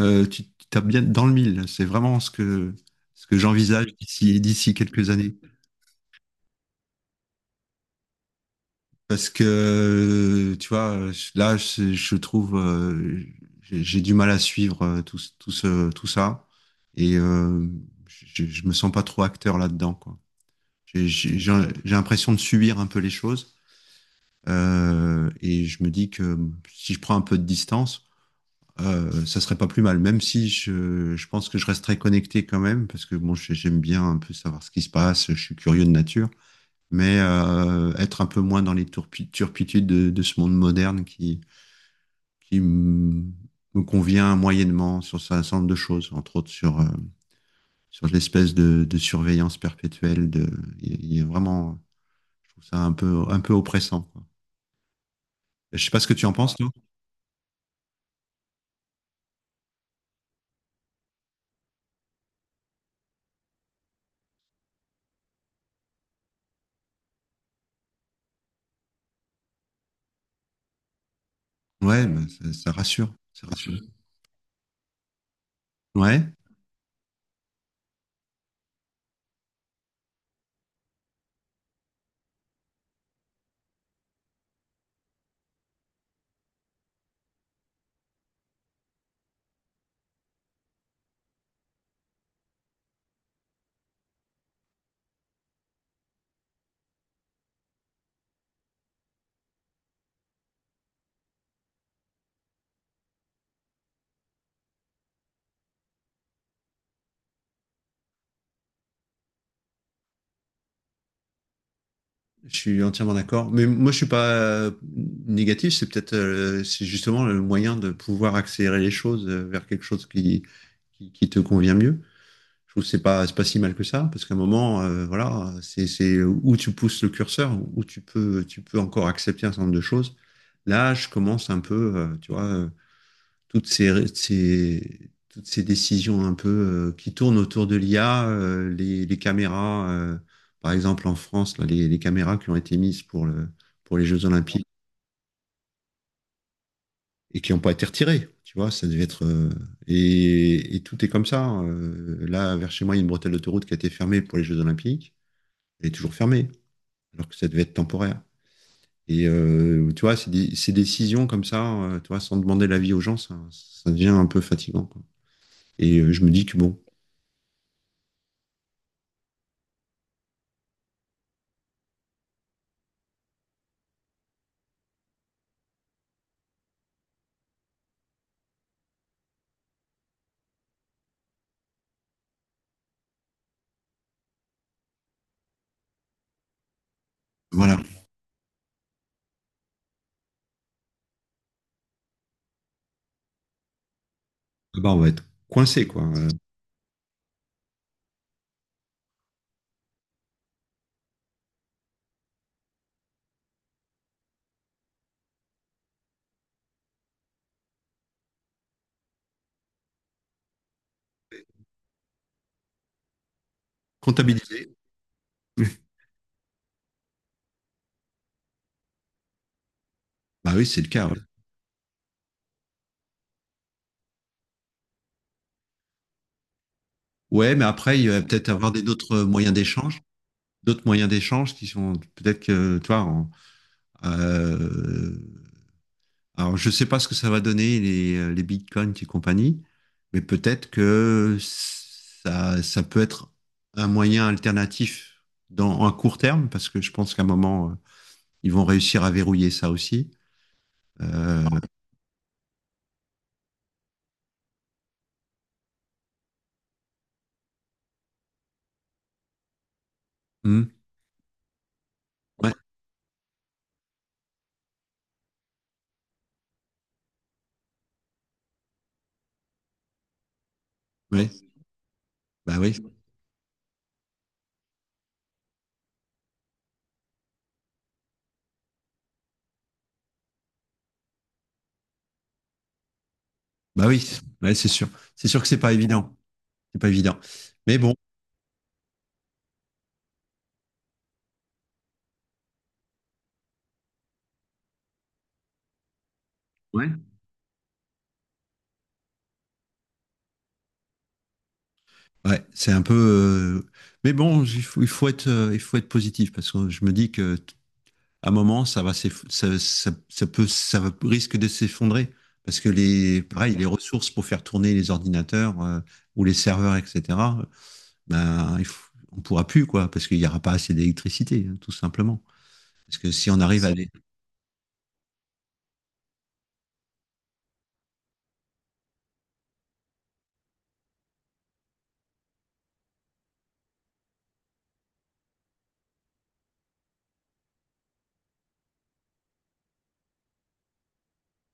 Tu tapes bien dans le mille. C'est vraiment ce que j'envisage d'ici, d'ici quelques années. Parce que, tu vois, là, je trouve, j'ai du mal à suivre tout, tout ça. Et euh, je me sens pas trop acteur là-dedans, quoi. J'ai l'impression de subir un peu les choses. Et je me dis que si je prends un peu de distance, ça serait pas plus mal, même si je pense que je resterai connecté quand même, parce que bon, j'aime bien un peu savoir ce qui se passe, je suis curieux de nature, mais être un peu moins dans les turpitudes de ce monde moderne qui, qui m- me convient moyennement sur un certain nombre de choses, entre autres sur, sur l'espèce de surveillance perpétuelle. De, il y a vraiment, je trouve ça un peu oppressant, quoi. Je sais pas ce que tu en penses, toi. Ouais, bah, ça rassure, ça rassure. Ouais. Je suis entièrement d'accord. Mais moi, je suis pas négatif. C'est peut-être, c'est justement le moyen de pouvoir accélérer les choses vers quelque chose qui te convient mieux. Je trouve que c'est pas si mal que ça, parce qu'à un moment, voilà, c'est où tu pousses le curseur, où tu peux encore accepter un certain nombre de choses. Là, je commence un peu, tu vois, toutes ces, toutes ces décisions un peu qui tournent autour de l'IA, les caméras, par exemple en France, là, les caméras qui ont été mises pour le, pour les Jeux Olympiques et qui n'ont pas été retirées, tu vois, ça devait être... et tout est comme ça, hein. Là, vers chez moi, il y a une bretelle d'autoroute qui a été fermée pour les Jeux Olympiques. Elle est toujours fermée, alors que ça devait être temporaire. Tu vois, ces, ces décisions comme ça, tu vois, sans demander l'avis aux gens, ça devient un peu fatigant, quoi. Je me dis que bon, voilà. Ah bah, on va être coincé, quoi. Comptabilisé. Bah oui, c'est le cas. Ouais. Ouais, mais après, il va peut-être avoir des d'autres moyens d'échange qui sont peut-être que, tu vois, euh, alors je sais pas ce que ça va donner les bitcoins et compagnie, mais peut-être que ça peut être un moyen alternatif dans un court terme, parce que je pense qu'à un moment, ils vont réussir à verrouiller ça aussi. Euh, hmm, ouais, ouais, bah oui. Bah oui, ouais, c'est sûr. C'est sûr que c'est pas évident. C'est pas évident. Mais bon, ouais. Ouais, c'est un peu. Mais bon, il faut être positif parce que je me dis que à un moment, ça va, ça, ça, ça peut, risque de s'effondrer parce que les, pareil, les ressources pour faire tourner les ordinateurs ou les serveurs, etc. Ben, on pourra plus quoi, parce qu'il n'y aura pas assez d'électricité, hein, tout simplement. Parce que si on arrive à les,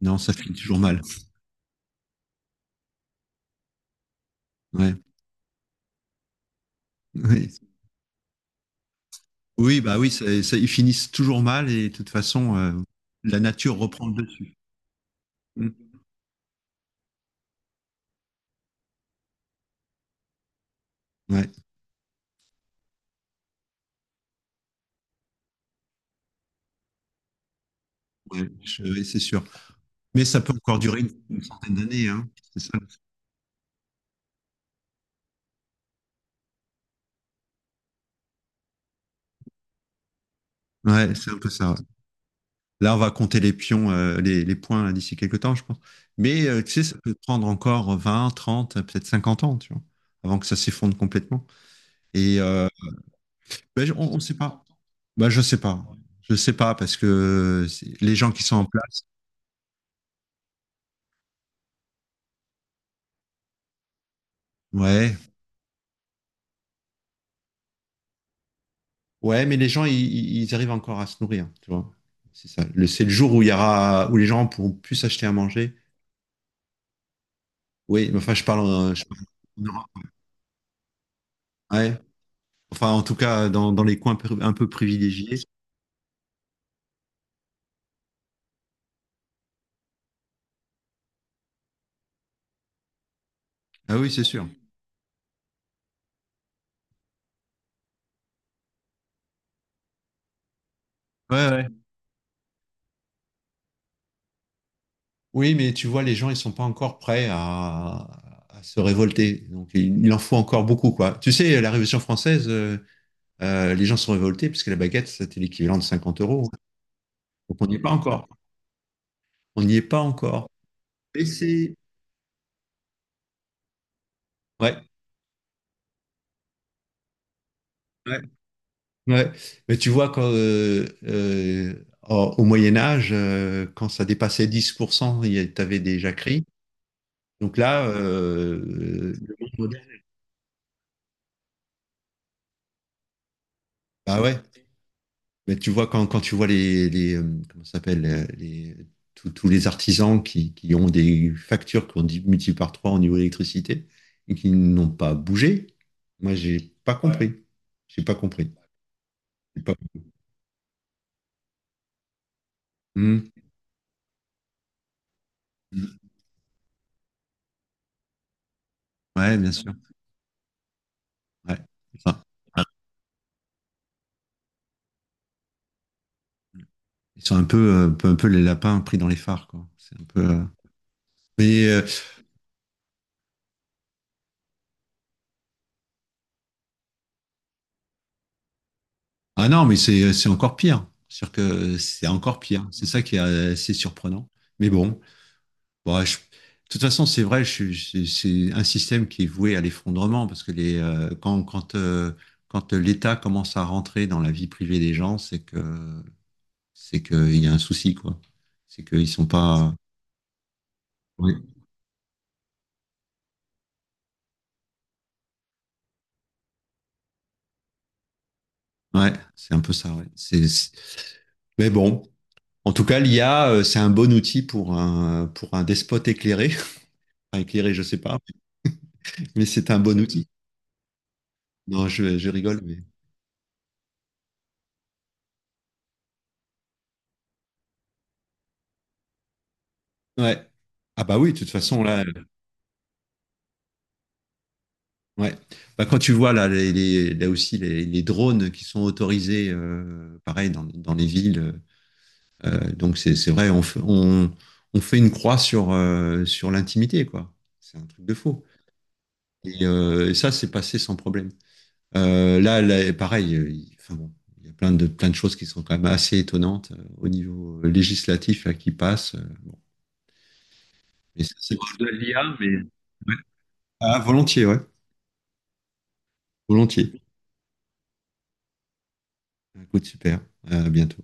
non, ça finit toujours mal. Ouais. Oui, bah oui, ils finissent toujours mal et de toute façon, la nature reprend le dessus. Mm. Ouais, ouais, ouais, c'est sûr. Mais ça peut encore durer une centaine d'années, hein. C'est ça. Ouais, c'est un peu ça, ouais. Là, on va compter les pions, les points là, d'ici quelques temps, je pense. Mais tu sais, ça peut prendre encore 20, 30, peut-être 50 ans, tu vois, avant que ça s'effondre complètement. Et euh, ben, on ne sait pas. Bah, je sais pas. Je sais pas parce que c'est- les gens qui sont en place, ouais. Ouais, mais les gens, ils arrivent encore à se nourrir, tu vois. C'est ça. Le, c'est le jour où il y aura, où les gens pourront plus s'acheter à manger. Oui, mais enfin, je parle en Europe. Ouais. Enfin, en tout cas, dans, dans les un peu privilégiés. Ah oui, c'est sûr. Ouais, ouais. Oui, mais tu vois, les gens, ils sont pas encore prêts à se révolter. Donc, il en faut encore beaucoup, quoi. Tu sais, la Révolution française, les gens sont révoltés parce que la baguette, c'était l'équivalent de 50 euros. Donc, on n'y est pas encore. On n'y est pas encore. Mais c'est... Ouais. Ouais. Ouais. Mais tu vois, quand, au au Moyen Âge, quand ça dépassait 10%, tu avais des jacqueries. Donc là, le monde moderne- bah ouais. Mais tu vois, quand, quand tu vois les, comment ça s'appelle, les, tous les artisans qui ont des factures qui ont multiplié par 3 au niveau de l'électricité et qui n'ont pas bougé, moi, j'ai pas, ouais, compris. J'ai pas compris. J'ai pas- Hmm. Ouais, bien sûr. Ouais. C'est ça. Ils sont un peu, un peu, un peu les lapins pris dans les phares, quoi. C'est un peu. Mais ah non, mais c'est encore pire, cest que c'est encore pire. C'est ça qui est assez surprenant. Mais bon, bon, de toute façon, c'est vrai. C'est un système qui est voué à l'effondrement parce que les, quand, quand, quand l'État commence à rentrer dans la vie privée des gens, c'est que il y a un souci, quoi. C'est qu'ils sont pas. Ouais. Ouais, c'est un peu ça, ouais. C'est- Mais bon. En tout cas, l'IA, c'est un bon outil pour un despote éclairé. Enfin, éclairé, je sais pas, mais c'est un bon outil. Non, je rigole, mais. Ouais. Ah bah oui, de toute façon, là, ouais. Bah, quand tu vois là, les, là aussi les drones qui sont autorisés, pareil, dans, dans les villes, donc c'est vrai, on, on fait une croix sur, sur l'intimité, quoi. C'est un truc de faux. Et ça, c'est passé sans problème. Là, là, pareil, il enfin bon, il y a plein de choses qui sont quand même assez étonnantes au niveau législatif là, qui passent. Et ça, c'est Tu parles de l'IA, mais ah, volontiers, ouais, volontiers. Écoute, super. À bientôt.